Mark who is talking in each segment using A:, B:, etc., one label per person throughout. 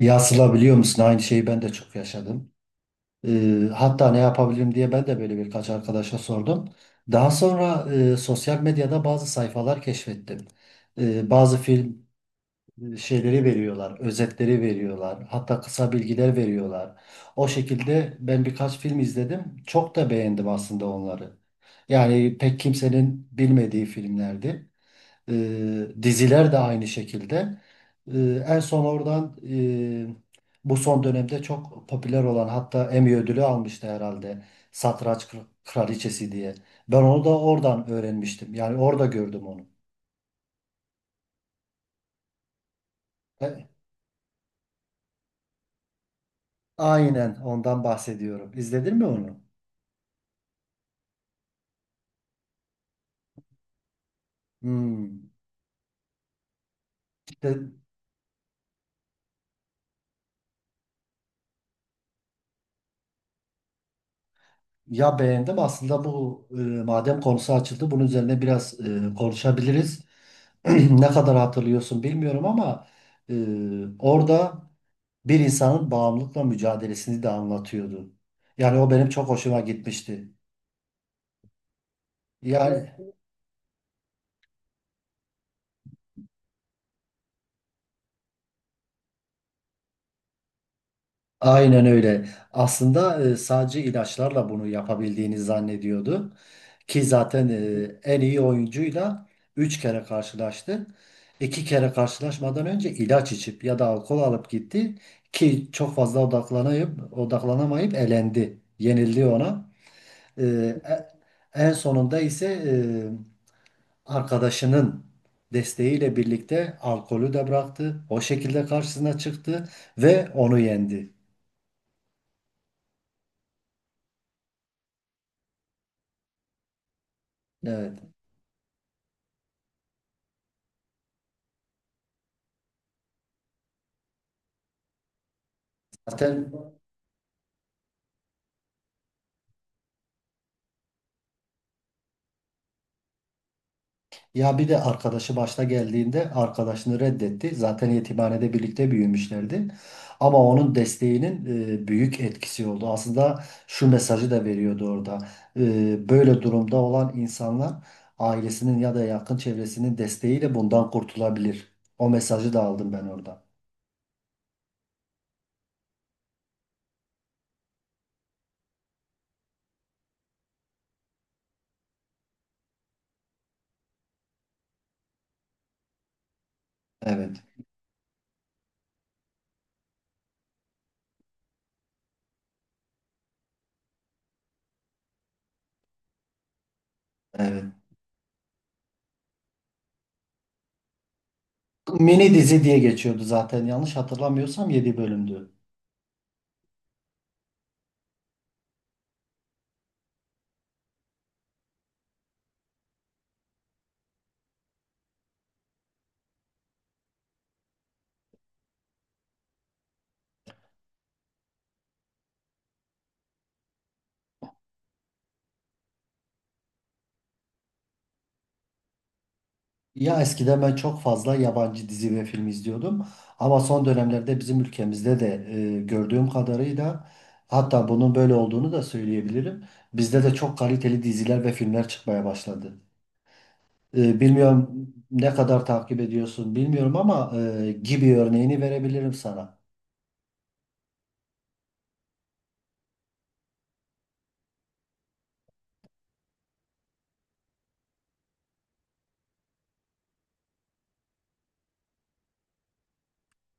A: Ya Sıla, biliyor musun, aynı şeyi ben de çok yaşadım. Hatta ne yapabilirim diye ben de böyle birkaç arkadaşa sordum. Daha sonra sosyal medyada bazı sayfalar keşfettim. Bazı film şeyleri veriyorlar, özetleri veriyorlar, hatta kısa bilgiler veriyorlar. O şekilde ben birkaç film izledim. Çok da beğendim aslında onları. Yani pek kimsenin bilmediği filmlerdi. Diziler de aynı şekilde. E, En son oradan e, bu son dönemde çok popüler olan, hatta Emmy ödülü almıştı herhalde. Satranç Kraliçesi diye. Ben onu da oradan öğrenmiştim. Yani orada gördüm onu. E, aynen ondan bahsediyorum. İzledin mi onu? Hmm. De- Ya, beğendim. Aslında bu madem konusu açıldı, bunun üzerine biraz konuşabiliriz. Ne kadar hatırlıyorsun bilmiyorum ama e, orada bir insanın bağımlılıkla mücadelesini de anlatıyordu. Yani o benim çok hoşuma gitmişti. Yani, evet. Aynen öyle. Aslında sadece ilaçlarla bunu yapabildiğini zannediyordu. Ki zaten en iyi oyuncuyla 3 kere karşılaştı. 2 kere karşılaşmadan önce ilaç içip ya da alkol alıp gitti. Ki çok fazla odaklanamayıp elendi. Yenildi ona. E, e- En sonunda ise arkadaşının desteğiyle birlikte alkolü de bıraktı. O şekilde karşısına çıktı ve onu yendi. Evet. Zaten ya bir de arkadaşı başta geldiğinde arkadaşını reddetti. Zaten yetimhanede birlikte büyümüşlerdi. Ama onun desteğinin büyük etkisi oldu. Aslında şu mesajı da veriyordu orada. Böyle durumda olan insanlar ailesinin ya da yakın çevresinin desteğiyle bundan kurtulabilir. O mesajı da aldım ben orada. Evet, evet. Mini dizi diye geçiyordu zaten, yanlış hatırlamıyorsam 7 bölümdü. Ya, eskiden ben çok fazla yabancı dizi ve film izliyordum ama son dönemlerde bizim ülkemizde de gördüğüm kadarıyla, hatta bunun böyle olduğunu da söyleyebilirim. Bizde de çok kaliteli diziler ve filmler çıkmaya başladı. Bilmiyorum ne kadar takip ediyorsun bilmiyorum ama Gibi örneğini verebilirim sana.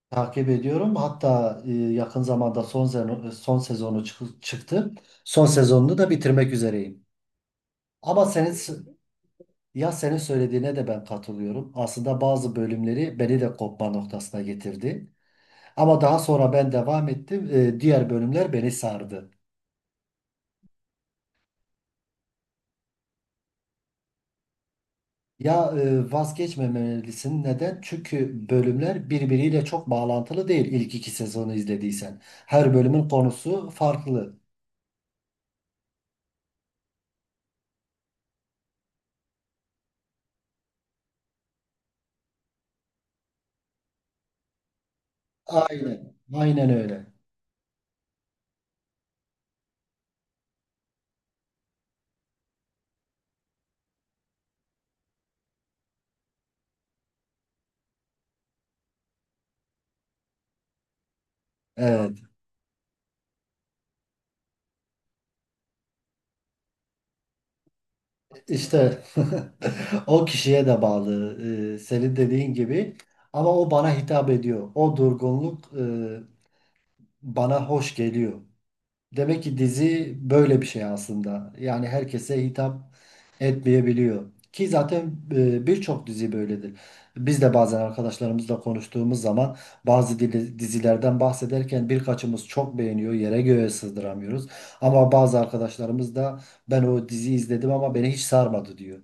A: Takip ediyorum. Hatta yakın zamanda son sezonu çıktı. Son sezonunu da bitirmek üzereyim. Ama senin Ya, senin söylediğine de ben katılıyorum. Aslında bazı bölümleri beni de kopma noktasına getirdi. Ama daha sonra ben devam ettim. Diğer bölümler beni sardı. Ya, vazgeçmemelisin. Neden? Çünkü bölümler birbiriyle çok bağlantılı değil ilk 2 sezonu izlediysen. Her bölümün konusu farklı. Aynen. Aynen öyle. Evet. İşte o kişiye de bağlı. Senin dediğin gibi. Ama o bana hitap ediyor. O durgunluk bana hoş geliyor. Demek ki dizi böyle bir şey aslında. Yani herkese hitap etmeyebiliyor. Ki zaten birçok dizi böyledir. Biz de bazen arkadaşlarımızla konuştuğumuz zaman bazı dizilerden bahsederken birkaçımız çok beğeniyor, yere göğe sızdıramıyoruz. Ama bazı arkadaşlarımız da ben o diziyi izledim ama beni hiç sarmadı diyor.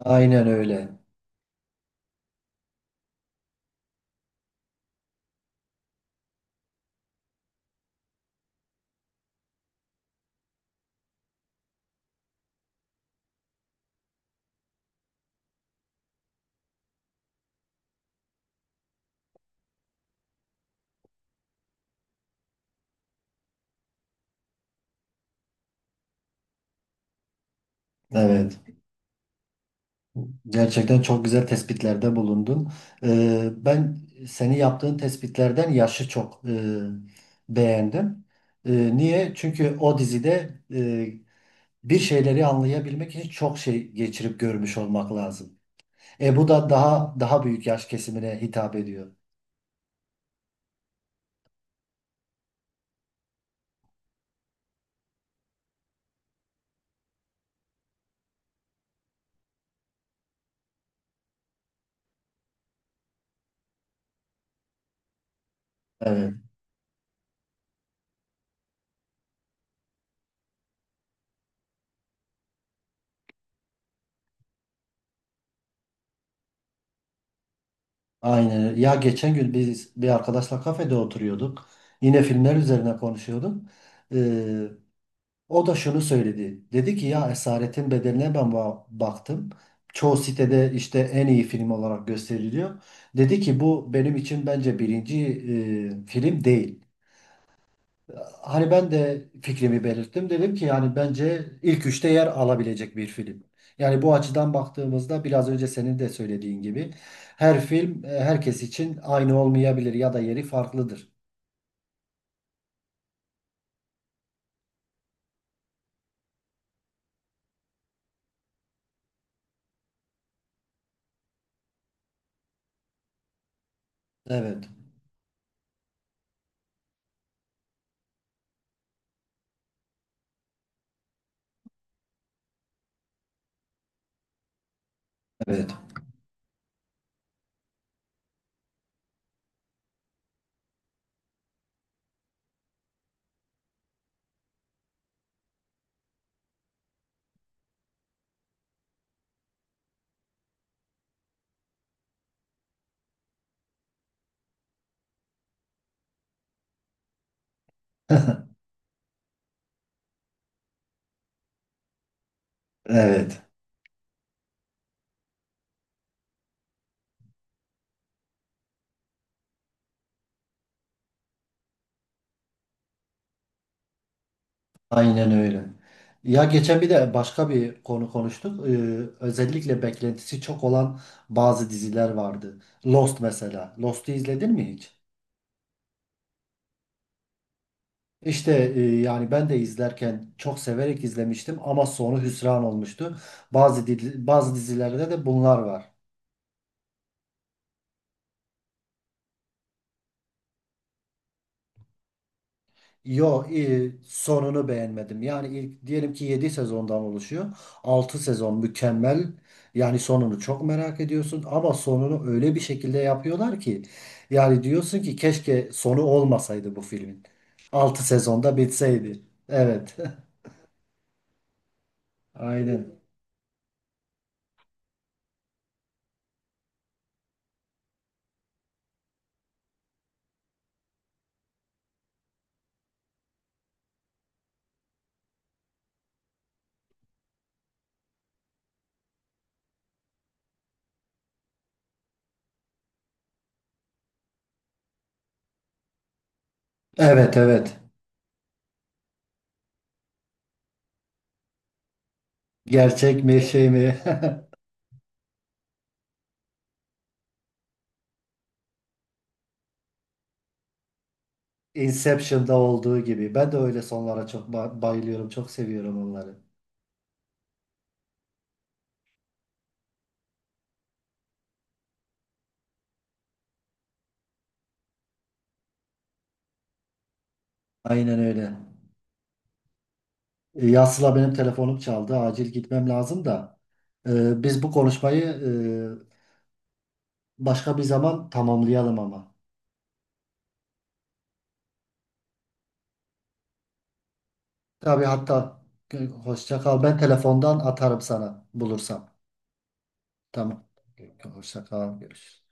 A: Aynen öyle. Evet. Gerçekten çok güzel tespitlerde bulundun. Ben seni, yaptığın tespitlerden yaşı çok beğendim. Niye? Çünkü o dizide bir şeyleri anlayabilmek için çok şey geçirip görmüş olmak lazım. Bu da daha daha büyük yaş kesimine hitap ediyor. Evet. Aynen öyle. Ya, geçen gün biz bir arkadaşla kafede oturuyorduk. Yine filmler üzerine konuşuyorduk. Ee, O da şunu söyledi. Dedi ki ya, Esaretin Bedeli'ne ben baktım. Çoğu sitede işte en iyi film olarak gösteriliyor. Dedi ki bu benim için bence birinci film değil. Hani ben de fikrimi belirttim. Dedim ki yani bence ilk 3'te yer alabilecek bir film. Yani bu açıdan baktığımızda biraz önce senin de söylediğin gibi her film herkes için aynı olmayabilir ya da yeri farklıdır. Evet. Evet. Evet. Aynen öyle. Ya, geçen bir de başka bir konu konuştuk. Özellikle beklentisi çok olan bazı diziler vardı. Lost mesela. Lost'u izledin mi hiç? İşte yani ben de izlerken çok severek izlemiştim ama sonu hüsran olmuştu. Bazı dizilerde de bunlar var. Yo, sonunu beğenmedim. Yani ilk diyelim ki 7 sezondan oluşuyor. Altı sezon mükemmel. Yani sonunu çok merak ediyorsun ama sonunu öyle bir şekilde yapıyorlar ki yani diyorsun ki keşke sonu olmasaydı bu filmin. 6 sezonda bitseydi. Evet. Aynen. Evet, evet. Gerçek mi, şey mi? Inception'da olduğu gibi. Ben de öyle sonlara çok bayılıyorum. Çok seviyorum onları. Aynen öyle. Ya Sıla, benim telefonum çaldı. Acil gitmem lazım da. Biz bu konuşmayı başka bir zaman tamamlayalım ama. Tabii, hatta hoşça kal. Ben telefondan atarım sana bulursam. Tamam. Hoşça kal. Görüşürüz.